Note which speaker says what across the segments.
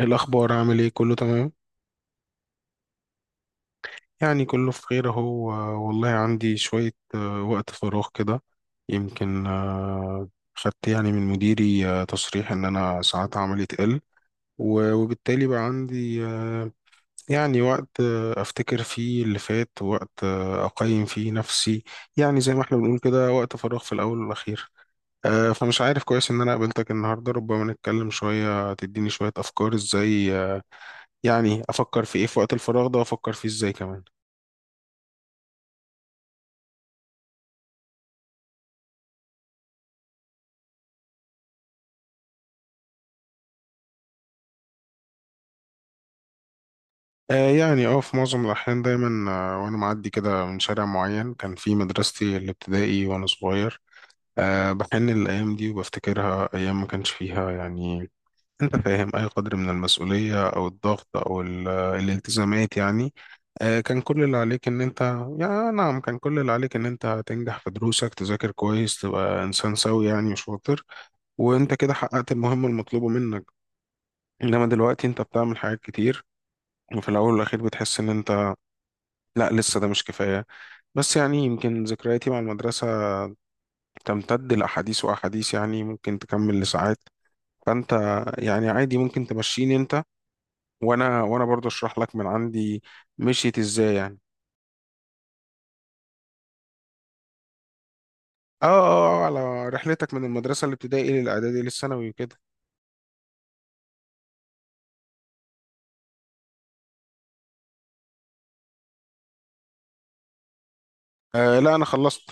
Speaker 1: الأخبار عامل إيه؟ كله تمام يعني كله في خير أهو. والله عندي شوية وقت فراغ كده يمكن. خدت يعني من مديري تصريح إن أنا ساعات عملي تقل وبالتالي بقى عندي يعني وقت أفتكر فيه اللي فات ووقت أقيم فيه نفسي يعني زي ما إحنا بنقول كده وقت فراغ في الأول والأخير. فمش عارف كويس إن أنا قابلتك النهاردة ربما نتكلم شوية تديني شوية أفكار إزاي يعني افكر في ايه في وقت الفراغ ده وافكر فيه ازاي كمان. يعني في معظم الاحيان دايما وانا معدي كده من شارع معين كان في مدرستي الابتدائي وانا صغير. بحن الايام دي وبفتكرها ايام ما كانش فيها يعني انت فاهم اي قدر من المسؤولية او الضغط او الالتزامات يعني. كان كل اللي عليك ان انت يعني نعم كان كل اللي عليك ان انت تنجح في دروسك تذاكر كويس تبقى انسان سوي يعني وشاطر. وانت كده حققت المهمة المطلوبة منك، انما دلوقتي انت بتعمل حاجات كتير وفي الاول والاخير بتحس ان انت لا لسه ده مش كفايه. بس يعني يمكن ذكرياتي مع المدرسه تمتد لاحاديث واحاديث يعني ممكن تكمل لساعات. فانت يعني عادي ممكن تمشيني انت وانا برضه اشرح لك من عندي مشيت ازاي يعني. على رحلتك من المدرسه الابتدائي للاعدادي للثانوي وكده. لا انا خلصت.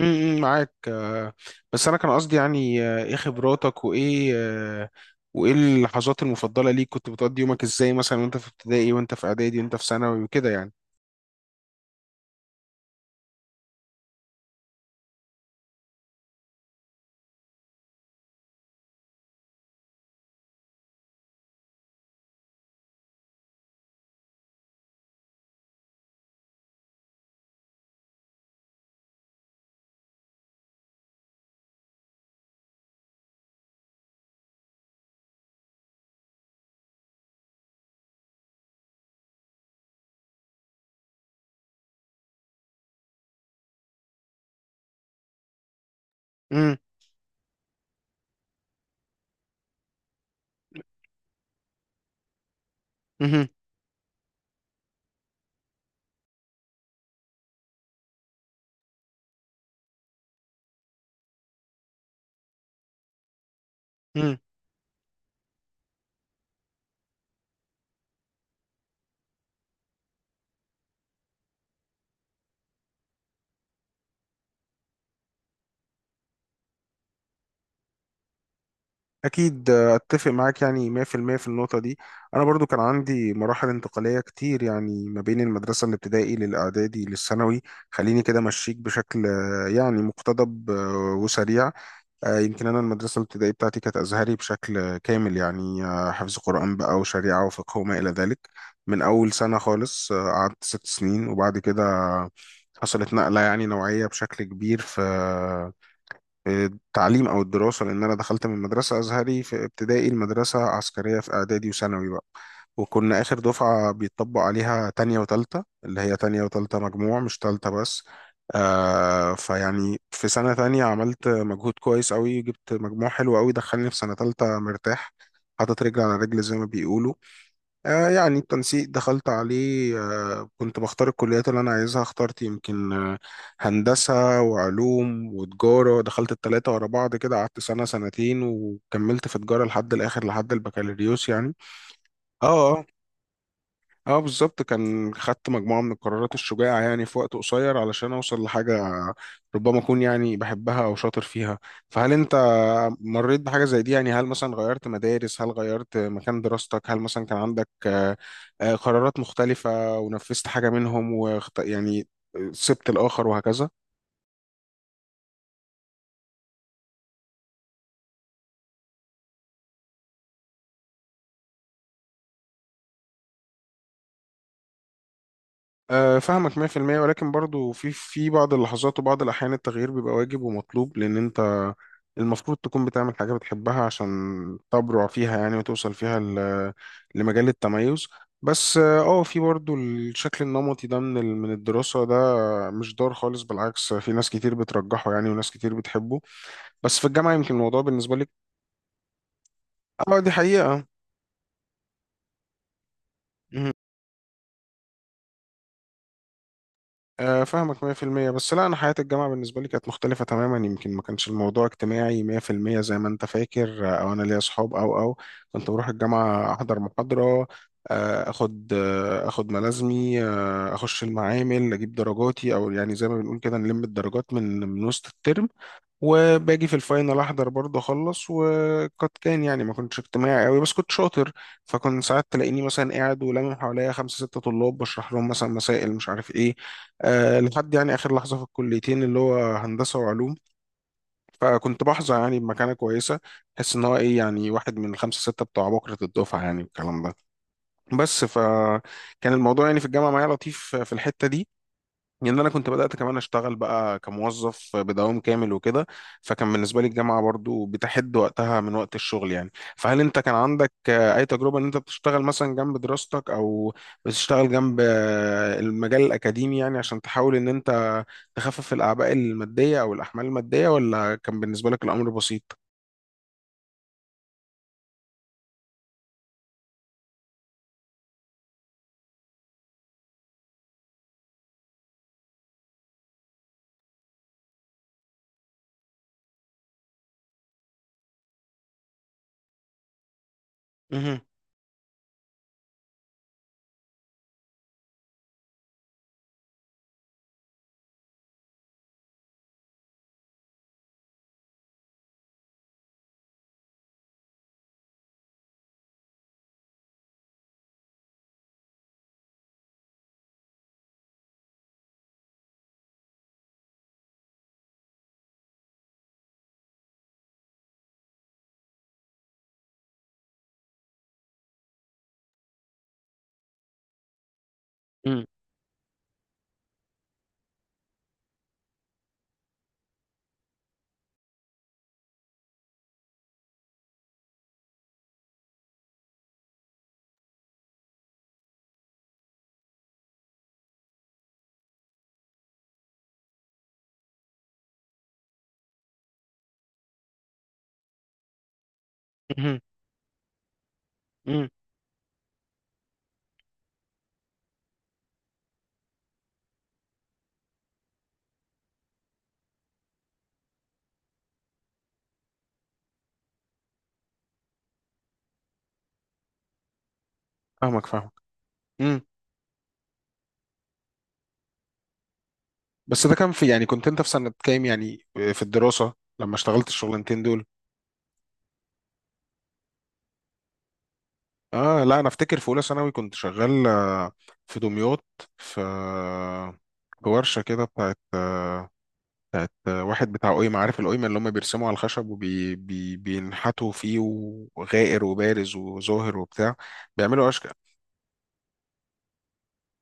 Speaker 1: معاك. بس انا كان قصدي يعني ايه خبراتك وايه وايه اللحظات المفضله ليك؟ كنت بتقضي يومك ازاي مثلا وانت في ابتدائي وانت في اعدادي وانت في ثانوي وكده يعني؟ امم امم امم اكيد اتفق معاك يعني 100% في المية في النقطه دي. انا برضو كان عندي مراحل انتقاليه كتير يعني ما بين المدرسه الابتدائي للاعدادي للثانوي. خليني كده امشيك بشكل يعني مقتضب وسريع. يمكن أنا المدرسة الابتدائية بتاعتي كانت أزهري بشكل كامل يعني حفظ قرآن بقى وشريعة وفقه وما إلى ذلك من أول سنة خالص. قعدت ست سنين وبعد كده حصلت نقلة يعني نوعية بشكل كبير في التعليم او الدراسه لان انا دخلت من مدرسه ازهري في ابتدائي المدرسه عسكريه في اعدادي وثانوي بقى. وكنا اخر دفعه بيطبق عليها تانية وتالتة اللي هي تانية وتالتة مجموع مش تالتة بس. فيعني في سنه تانية عملت مجهود كويس قوي جبت مجموع حلو قوي دخلني في سنه تالتة مرتاح حاطط رجل على رجل زي ما بيقولوا. يعني التنسيق دخلت عليه كنت بختار الكليات اللي أنا عايزها، اخترت يمكن هندسة وعلوم وتجارة، دخلت التلاتة ورا بعض كده قعدت سنة سنتين وكملت في تجارة لحد الآخر لحد البكالوريوس يعني. اه آه. اه. بالظبط، كان خدت مجموعة من القرارات الشجاعة يعني في وقت قصير علشان اوصل لحاجة ربما اكون يعني بحبها او شاطر فيها. فهل انت مريت بحاجة زي دي؟ يعني هل مثلا غيرت مدارس؟ هل غيرت مكان دراستك؟ هل مثلا كان عندك قرارات مختلفة ونفذت حاجة منهم يعني سبت الآخر وهكذا؟ فاهمك 100%، ولكن برضو في بعض اللحظات وبعض الأحيان التغيير بيبقى واجب ومطلوب لأن أنت المفروض تكون بتعمل حاجة بتحبها عشان تبرع فيها يعني وتوصل فيها لمجال التميز. بس في برضو الشكل النمطي ده من من الدراسة، ده مش ضار خالص، بالعكس في ناس كتير بترجحه يعني وناس كتير بتحبه. بس في الجامعة يمكن الموضوع بالنسبة لك. اه دي حقيقة. مهم. فاهمك 100%، بس لا انا حياة الجامعة بالنسبة لي كانت مختلفة تماما، يمكن ما كانش الموضوع اجتماعي 100% زي ما انت فاكر او انا ليا اصحاب او كنت بروح الجامعة احضر محاضرة اخد اخد ملازمي اخش المعامل اجيب درجاتي، او يعني زي ما بنقول كده نلم الدرجات من وسط الترم، وباجي في الفاينل احضر برضه اخلص وقد كان يعني ما كنتش اجتماعي قوي بس كنت شاطر. فكنت ساعات تلاقيني مثلا قاعد ولامم حواليا خمسة ستة طلاب بشرح لهم مثلا مسائل مش عارف ايه. أه لحد يعني اخر لحظة في الكليتين اللي هو هندسة وعلوم، فكنت بحظى يعني بمكانة كويسة. احس ان هو ايه يعني واحد من الخمسة ستة بتوع بكرة الدفعة يعني والكلام ده. بس فكان الموضوع يعني في الجامعة معايا لطيف في الحتة دي. يعني انا كنت بدات كمان اشتغل بقى كموظف بدوام كامل وكده. فكان بالنسبه لي الجامعه برضو بتحد وقتها من وقت الشغل يعني. فهل انت كان عندك اي تجربه ان انت بتشتغل مثلا جنب دراستك او بتشتغل جنب المجال الاكاديمي يعني عشان تحاول ان انت تخفف الاعباء الماديه او الاحمال الماديه، ولا كان بالنسبه لك الامر بسيط؟ مهم. مم. مهم. مم. فاهمك فاهمك. امم، بس ده كان في يعني كنت انت في سنه كام يعني في الدراسه لما اشتغلت الشغلانتين دول؟ اه لا انا افتكر في اولى ثانوي كنت شغال في دمياط في في ورشه كده بتاعت واحد بتاع قيمه، عارف القيمه اللي هم بيرسموا على الخشب وبينحتوا فيه وغائر وبارز وظاهر وبتاع بيعملوا اشكال.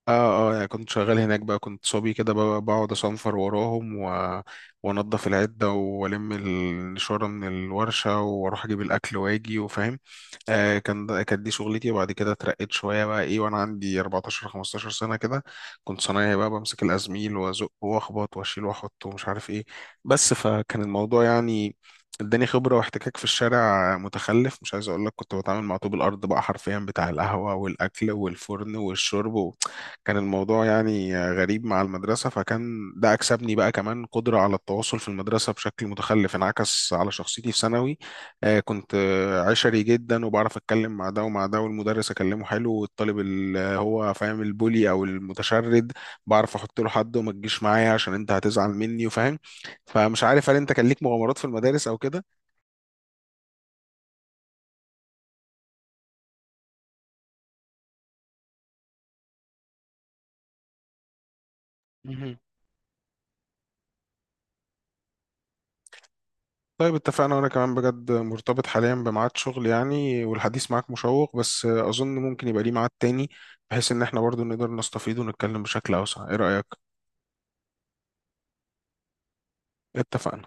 Speaker 1: اه اه يعني كنت شغال هناك بقى، كنت صبي كده بقعد اصنفر وراهم وانضف العده والم النشاره من الورشه واروح اجيب الاكل واجي وفاهم. كانت دي شغلتي، وبعد كده اترقيت شويه بقى ايه وانا عندي 14 15 سنه كده. كنت صنايعي بقى بمسك الازميل وازق واخبط واشيل واحط ومش عارف ايه. بس فكان الموضوع يعني اداني خبره واحتكاك في الشارع متخلف، مش عايز اقول لك، كنت بتعامل مع طوب الارض بقى حرفيا، بتاع القهوه والاكل والفرن والشرب كان الموضوع يعني غريب مع المدرسه، فكان ده اكسبني بقى كمان قدره على التواصل في المدرسه بشكل متخلف انعكس على شخصيتي في ثانوي. كنت عشري جدا وبعرف اتكلم مع ده ومع ده، والمدرس اكلمه حلو، والطالب اللي هو فاهم البولي او المتشرد بعرف احط له حد وما تجيش معايا عشان انت هتزعل مني وفاهم. فمش عارف هل انت كان ليك مغامرات في المدارس او كده؟ مهم. طيب اتفقنا، وانا كمان بجد مرتبط حاليا بميعاد شغل يعني، والحديث معاك مشوق بس اظن ممكن يبقى ليه ميعاد تاني بحيث ان احنا برضو نقدر نستفيد ونتكلم بشكل اوسع. ايه رأيك؟ اتفقنا.